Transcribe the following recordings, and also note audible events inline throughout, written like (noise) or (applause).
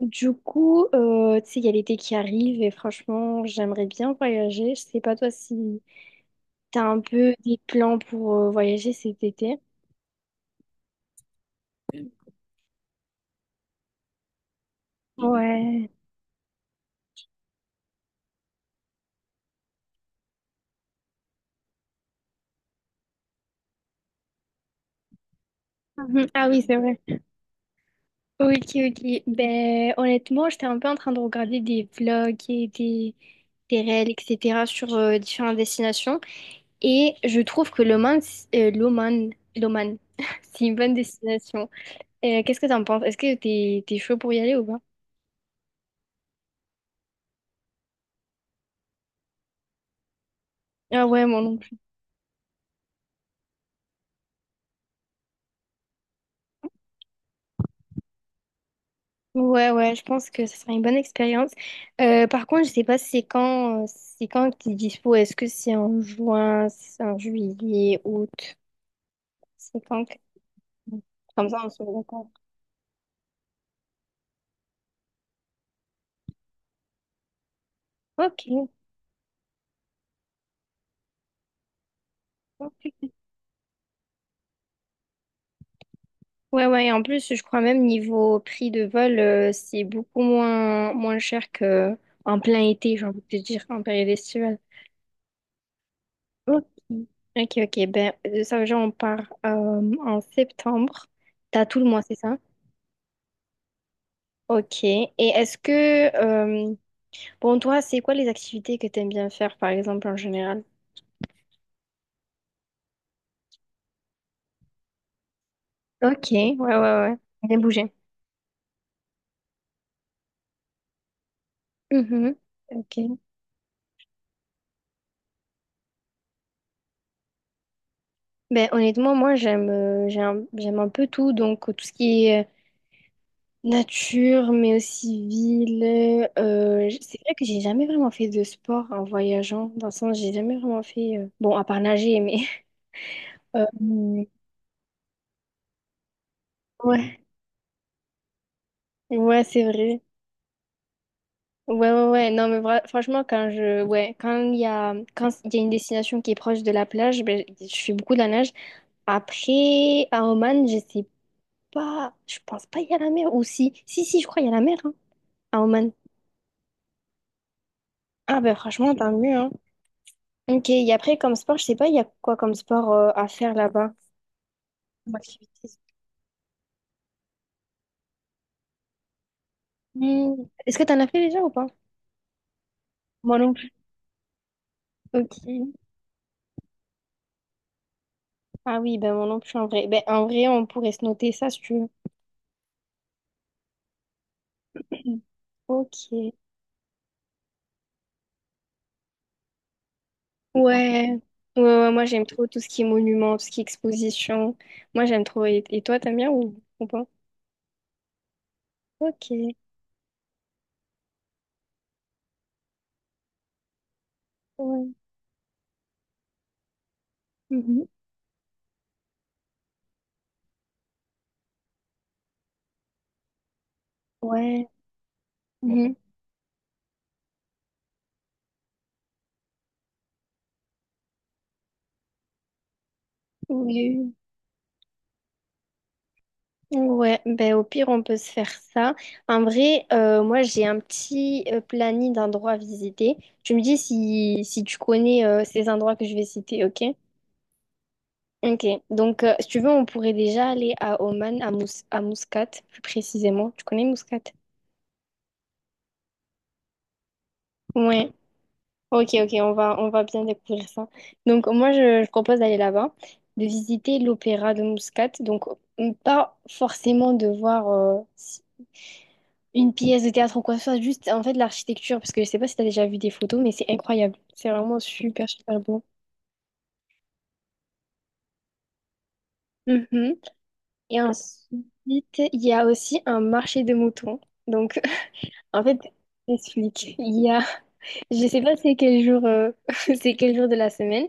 Du coup, tu sais, il y a l'été qui arrive et franchement, j'aimerais bien voyager. Je sais pas toi si t'as un peu des plans pour voyager cet été. Ouais. Mhm. Ah oui, c'est vrai. Ok, ok. Ben, honnêtement, j'étais un peu en train de regarder des vlogs et des réels, etc. sur différentes destinations. Et je trouve que l'Oman, (laughs) c'est une bonne destination. Qu'est-ce que t'en penses? Est-ce que t'es chaud pour y aller ou pas? Ah ouais, moi non. Ouais, ouais, je pense que ce sera une bonne expérience. Par contre, je sais pas c'est quand que t'es dispo. Est-ce que c'est en juin, c'est en juillet, août? C'est quand que- Comme ça, on se met d'accord. Ok, ok. Ouais, ouais, et en plus, je crois même niveau prix de vol, c'est beaucoup moins cher que en plein été, j'ai envie de te dire, en période estivale. Ok. Ok, ok, ben, de ça, genre, on part en septembre. T'as tout le mois, c'est ça? Ok. Et est-ce que euh, bon, toi, c'est quoi les activités que t'aimes bien faire, par exemple, en général? Ok, ouais, ouais, ouais. Bien bouger. Mhm, ok. Ben, honnêtement, moi, j'aime un peu tout. Donc, tout ce qui est nature, mais aussi ville. C'est vrai que j'ai jamais vraiment fait de sport en voyageant. Dans le sens, j'ai jamais vraiment fait. Bon, à part nager, mais. (laughs) euh, ouais, ouais, c'est vrai. Ouais, ouais, ouais. Non, mais franchement, quand je. Ouais, quand il y a une destination qui est proche de la plage, ben, je fais beaucoup de la nage. Après, à Oman, je sais pas. Je pense pas qu'il y a la mer ou si je crois qu'il y a la mer hein, à Oman. Ah ben franchement, tant mieux. Hein. Ok, et après, comme sport, je sais pas, il y a quoi comme sport à faire là-bas? Comme activité. Hmm, est-ce que t'en as fait déjà ou pas? Moi non plus. Ok. Ah oui, ben moi non plus en vrai. Ben en vrai, on pourrait se noter ça si tu veux. (laughs) Ok. Ouais. Ouais, ouais, moi j'aime trop tout ce qui est monument, tout ce qui est exposition. Moi j'aime trop. Et toi, t'aimes bien ou pas? Ok. Ouais. Mhm. Ouais. Mhm. Oui. Ouais, ben au pire on peut se faire ça. En vrai, moi j'ai un petit planning d'endroits à visiter. Tu me dis si tu connais ces endroits que je vais citer, ok? Ok. Donc si tu veux, on pourrait déjà aller à Oman, à Muscat, plus précisément. Tu connais Muscat? Ouais. Ok, ok, on va bien découvrir ça. Donc je propose d'aller là-bas, de visiter l'opéra de Muscat. Donc pas forcément de voir. Si Une pièce de théâtre ou quoi que ce soit, juste en fait l'architecture, parce que je sais pas si t'as déjà vu des photos, mais c'est incroyable. C'est vraiment super, super beau. Mhm. Et ensuite, il y a aussi un marché de moutons. Donc, En fait, j'explique. Je sais pas c'est quel jour, (laughs) c'est quel jour de la semaine,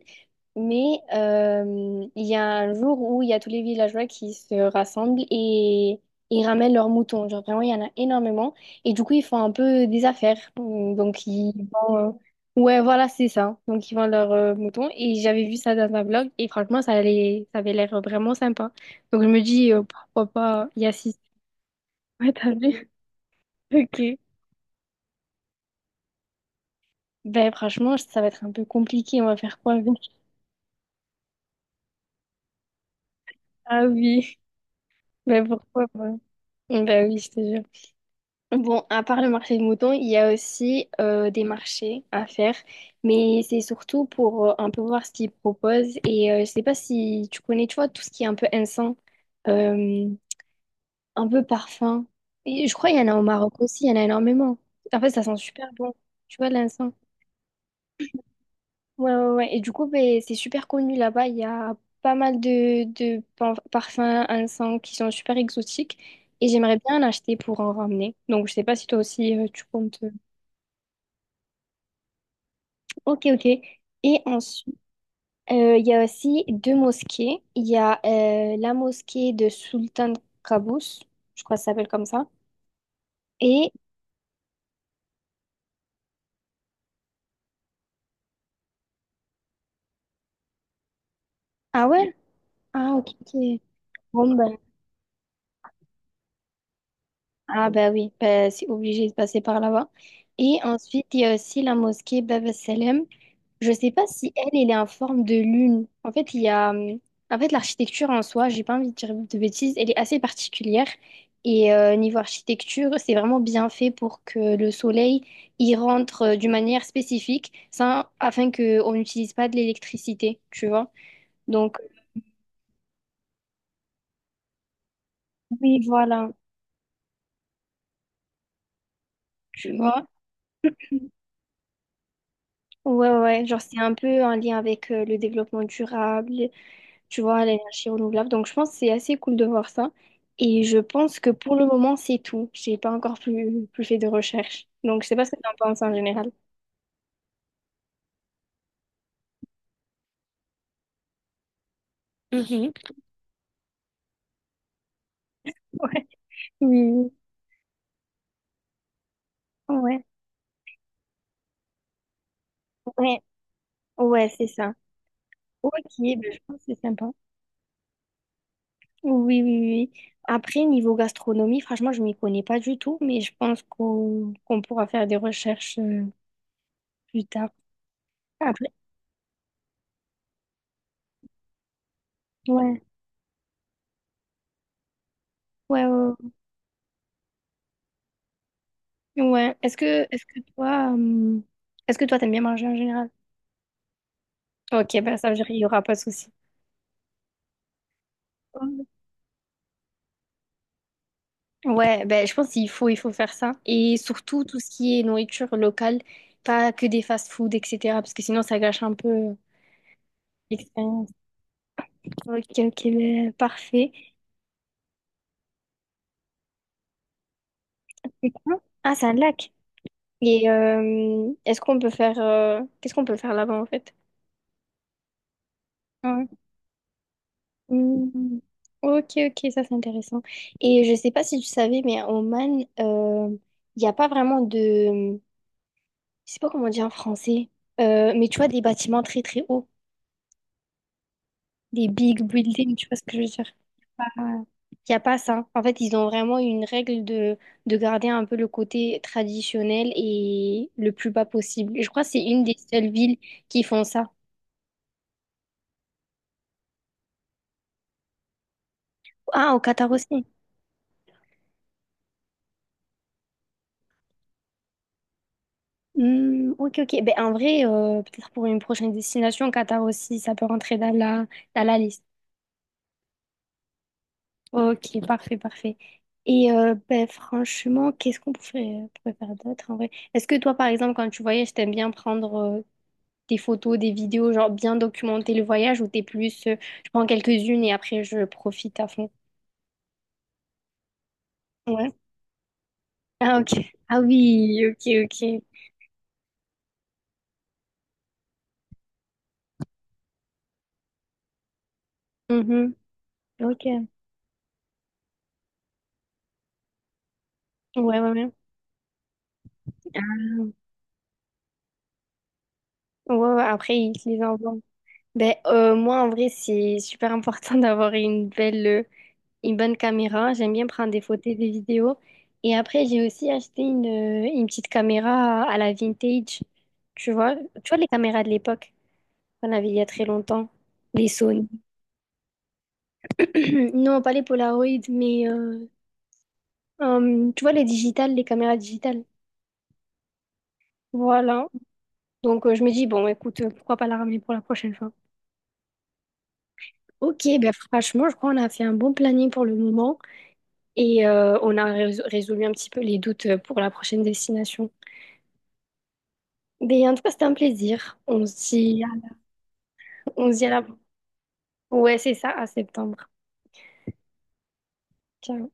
mais il y a un jour où il y a tous les villageois qui se rassemblent et ils ramènent leurs moutons. Genre vraiment, il y en a énormément. Et du coup, ils font un peu des affaires. Donc, ouais, voilà, c'est ça. Donc, ils vendent leurs moutons. Et j'avais vu ça dans un blog et franchement, ça avait l'air vraiment sympa. Donc, je me dis, pourquoi pas il y assister. (laughs) Ouais, t'as vu? (laughs) Ok. Ben franchement, ça va être un peu compliqué. On va faire quoi avec? Ah oui. Ben pourquoi pas? Ben oui, je te jure. Bon, à part le marché de moutons, il y a aussi des marchés à faire, mais c'est surtout pour un peu voir ce qu'ils proposent. Et je sais pas si tu connais, tu vois, tout ce qui est un peu encens, euh, un peu parfum. Et je crois qu'il y en a au Maroc aussi, il y en a énormément. En fait, ça sent super bon. Tu vois, de l'encens. Ouais, ouais, ouais. Et du coup, ben, c'est super connu là-bas. Il y a pas mal parfums, encens qui sont super exotiques. Et j'aimerais bien en acheter pour en ramener. Donc, je sais pas si toi aussi, tu comptes. Ok, ok. Et ensuite, il y a aussi deux mosquées. Il y a la mosquée de Sultan Qaboos. Je crois que ça s'appelle comme ça. Et... Ah ouais? Ah, ok, ok. Bon, ben, ah bah oui, bah, c'est obligé de passer par là-bas. Et ensuite, il y a aussi la mosquée Bab el Salem. Je sais pas si elle, elle est en forme de lune. En fait, il y a... En fait, l'architecture en soi, j'ai pas envie de dire de bêtises, elle est assez particulière. Et niveau architecture, c'est vraiment bien fait pour que le soleil y rentre d'une manière spécifique, ça, afin qu'on n'utilise pas de l'électricité, tu vois. Donc, oui, voilà, tu vois. Ouais, ouais, ouais. Genre c'est un peu en lien avec le développement durable, tu vois, à l'énergie renouvelable. Donc, je pense que c'est assez cool de voir ça. Et je pense que pour le moment, c'est tout. J'ai pas encore plus fait de recherche. Donc, je sais pas ce que tu en penses en général. Mhm. (laughs) Ouais. Oui, ouais, ouais, ouais, c'est ça. Ok, ben, je pense que c'est sympa. Oui, oui, oui. Après, niveau gastronomie, franchement, je m'y connais pas du tout, mais je pense qu'on pourra faire des recherches plus tard. Après, ouais, ouais, ouais. Ouais. Ouais. Est-ce que toi, t'aimes bien manger en général? Ok, bah ça, il n'y aura pas de souci. Ouais, ben je pense il faut faire ça. Et surtout, tout ce qui est nourriture locale, pas que des fast-food, etc. Parce que sinon, ça gâche un peu l'expérience. Ok, ok, ben, parfait. C'est quoi ah, c'est un lac. Et est-ce qu'on peut faire... qu'est-ce qu'on peut faire là-bas, en fait? Ouais. Hmm. Ok, ok, ça c'est intéressant. Et je sais pas si tu savais, mais en Oman, il n'y a pas vraiment de... je sais pas comment on dit en français, mais tu vois, des bâtiments très très hauts, des big buildings, tu vois ce que je veux dire? Il n'y a pas ça. En fait, ils ont vraiment une règle de garder un peu le côté traditionnel et le plus bas possible. Et je crois que c'est une des seules villes qui font ça. Ah, au Qatar aussi. Hmm, ok, ok. Ben, en vrai, peut-être pour une prochaine destination, Qatar aussi, ça peut rentrer dans dans la liste. Ok, parfait, parfait. Et ben, franchement, qu'est-ce pourrait faire d'autre en vrai? Est-ce que toi, par exemple, quand tu voyages, t'aimes bien prendre des photos, des vidéos, genre bien documenter le voyage ou je prends quelques-unes et après je profite à fond? Ouais. Ah, ok. Ah oui, ok, ok. Mhm. Ok. Ouais, ouais, ouais. Ouais, ouais, après, ils te les envoient. Ben, moi, en vrai, c'est super important (laughs) d'avoir une une bonne caméra. J'aime bien prendre des photos, des vidéos. Et après, j'ai aussi acheté une petite caméra à la vintage. Tu vois les caméras de l'époque qu'on avait il y a très longtemps. Les Sony. (clears throat) Non, pas les Polaroid, mais tu vois les digitales, les caméras digitales. Voilà. Donc je me dis, bon, écoute, pourquoi pas la ramener pour la prochaine fois? Ok, ben franchement, je crois qu'on a fait un bon planning pour le moment et résolu un petit peu les doutes pour la prochaine destination. Mais en tout cas, c'était un plaisir. On se dit à la... Ouais, c'est ça, à septembre. Ciao.